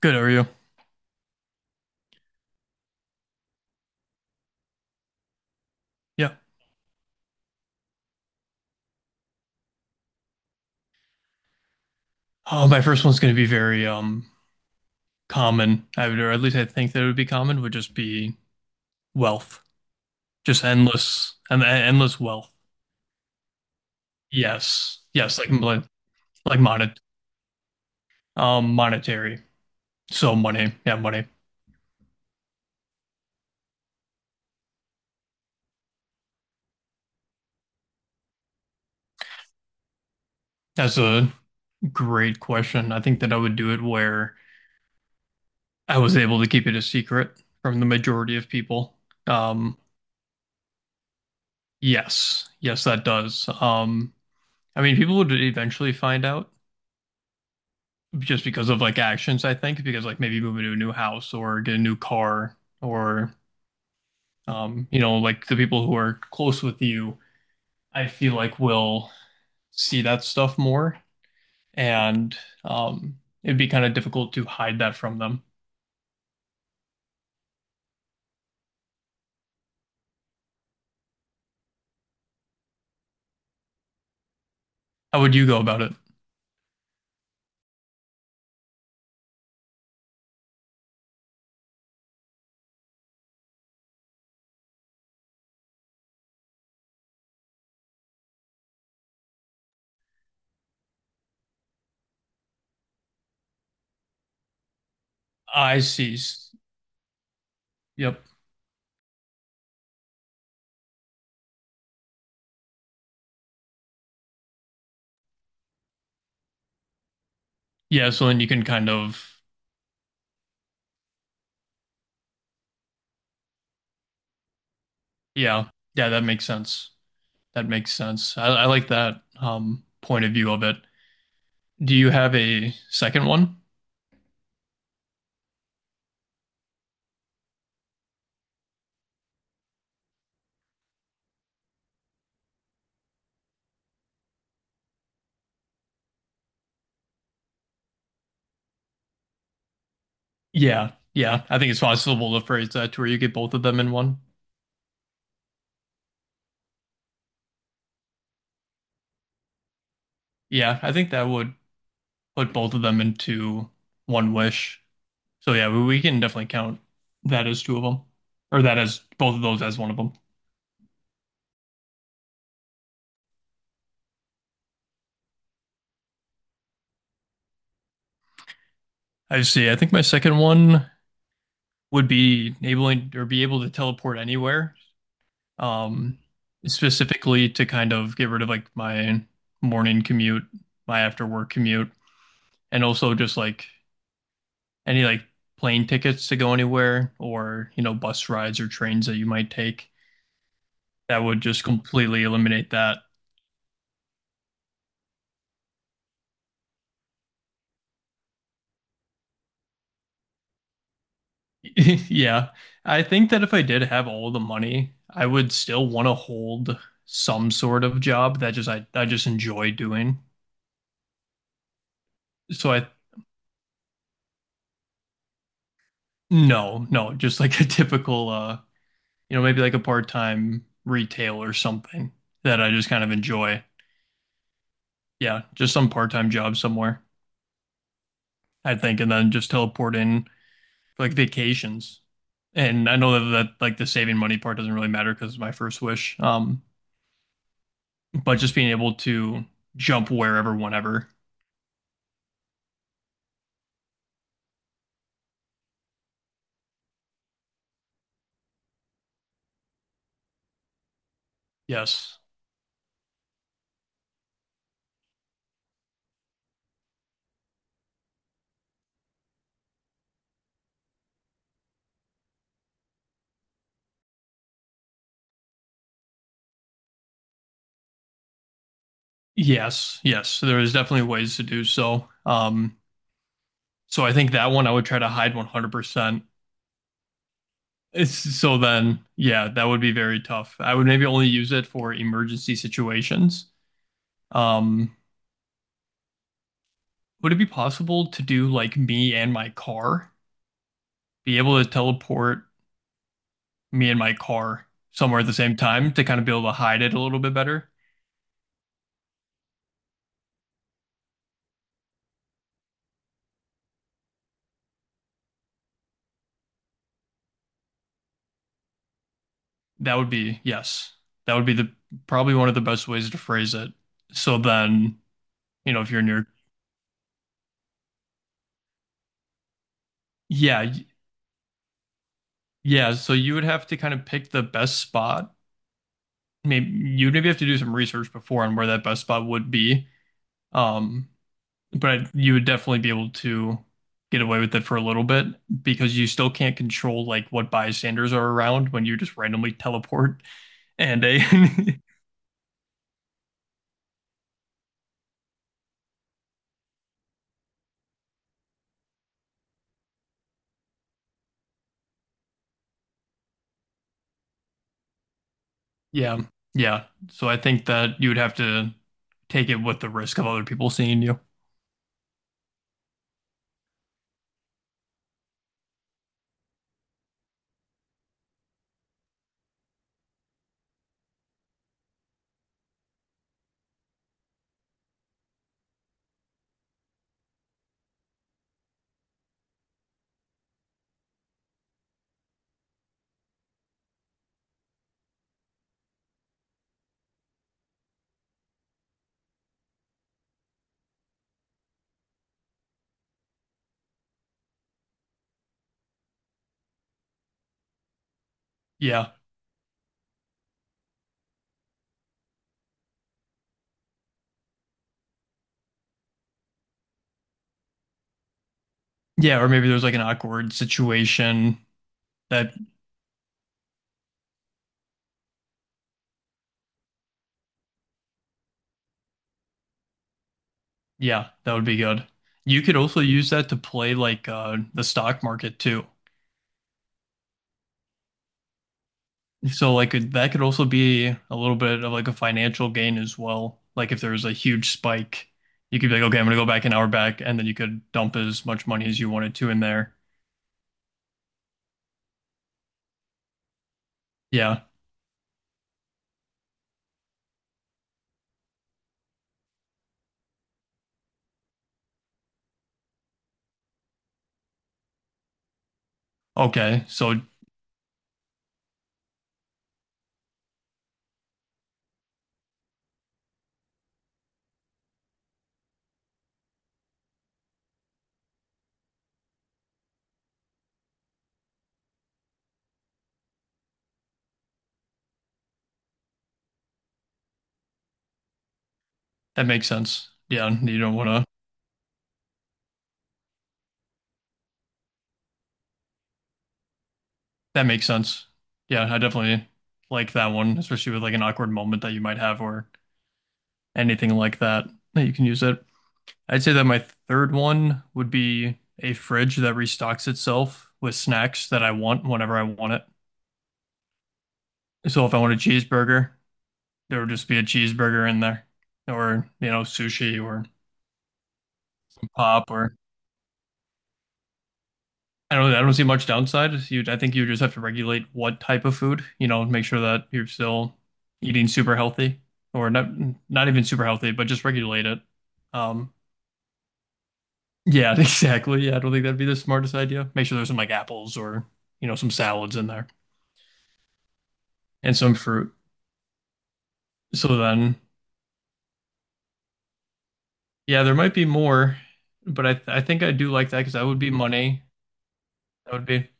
Good. How are you? Yeah. Oh, my first one's going to be very common. I would, or at least I think that it would be common. Would just be wealth, just endless and endless wealth. Yes. Yes. Like like monetary. So money. Yeah, money. That's a great question. I think that I would do it where I was able to keep it a secret from the majority of people. Um. Yes. Yes, that does. I mean, people would eventually find out. Just because of like actions, I think, because like maybe moving to a new house or get a new car or like the people who are close with you, I feel like will see that stuff more and it'd be kind of difficult to hide that from them. How would you go about it? I see. Yep. Yeah, so then you can kind of. Yeah, yeah, that makes sense. That makes sense. I like that point of view of it. Do you have a second one? Yeah, yeah. I think it's possible to phrase that to where you get both of them in one. Yeah, I think that would put both of them into one wish. So yeah, we can definitely count that as two of them, or that as both of those as one of them. I see. I think my second one would be enabling or be able to teleport anywhere. Um, specifically to kind of get rid of like my morning commute, my after work commute, and also just like any like plane tickets to go anywhere or, you know, bus rides or trains that you might take? That would just completely eliminate that. Yeah. I think that if I did have all the money, I would still want to hold some sort of job that just I just enjoy doing. So I no, no, just like a typical maybe like a part-time retail or something that I just kind of enjoy. Yeah, just some part-time job somewhere, I think, and then just teleport in like vacations. And I know that like the saving money part doesn't really matter because it's my first wish. But just being able to jump wherever, whenever. Yes. Yes. Yes. So there is definitely ways to do so. So I think that one I would try to hide 100%. So then, yeah, that would be very tough. I would maybe only use it for emergency situations. Um, would it be possible to do like me and my car? Be able to teleport me and my car somewhere at the same time to kind of be able to hide it a little bit better. That would be, yes, that would be the probably one of the best ways to phrase it. So then, if you're near, yeah, yeah, so you would have to kind of pick the best spot. Maybe you'd maybe have to do some research before on where that best spot would be. Um, but you would definitely be able to get away with it for a little bit because you still can't control like what bystanders are around when you just randomly teleport. And a Yeah. Yeah. So I think that you would have to take it with the risk of other people seeing you. Yeah. Yeah. Or maybe there's like an awkward situation that, yeah, that would be good. You could also use that to play like the stock market too. So like that could also be a little bit of like a financial gain as well. Like if there's a huge spike, you could be like, okay, I'm gonna go back an hour back, and then you could dump as much money as you wanted to in there. Yeah. Okay. So that makes sense. Yeah. You don't want to. That makes sense. Yeah, I definitely like that one, especially with like an awkward moment that you might have or anything like that that you can use it. I'd say that my third one would be a fridge that restocks itself with snacks that I want whenever I want it. So if I want a cheeseburger, there would just be a cheeseburger in there or, sushi or pop or I don't see much downside. You I think you just have to regulate what type of food, make sure that you're still eating super healthy or not even super healthy, but just regulate it. Um yeah, exactly. Yeah, I don't think that'd be the smartest idea. Make sure there's some like apples or, some salads in there and some fruit. So then, yeah, there might be more, but I think I do like that because that would be money. That would be.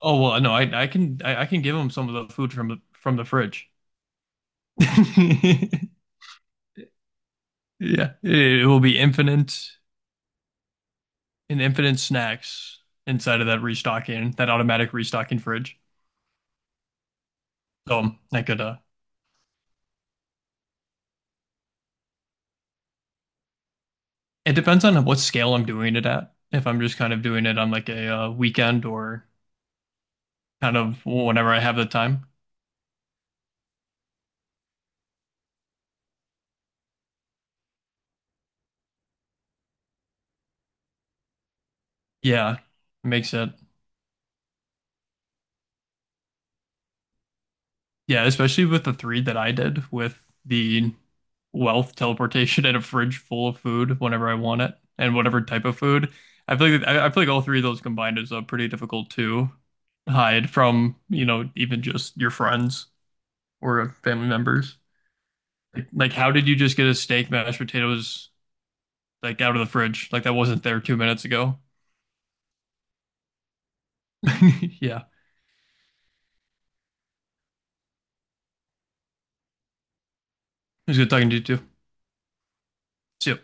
Oh well, no, I can give them some of the food from the fridge. Yeah, it will be infinite and infinite snacks inside of that automatic restocking fridge. So I could, it depends on what scale I'm doing it at. If I'm just kind of doing it on like a weekend or kind of whenever I have the time, yeah, it makes it. Yeah, especially with the three that I did with the wealth teleportation and a fridge full of food whenever I want it and whatever type of food. I feel like all three of those combined is pretty difficult to hide from, even just your friends or family members. Like, how did you just get a steak, mashed potatoes, like out of the fridge? Like that wasn't there 2 minutes ago. Yeah, it was good talking to you too. See ya.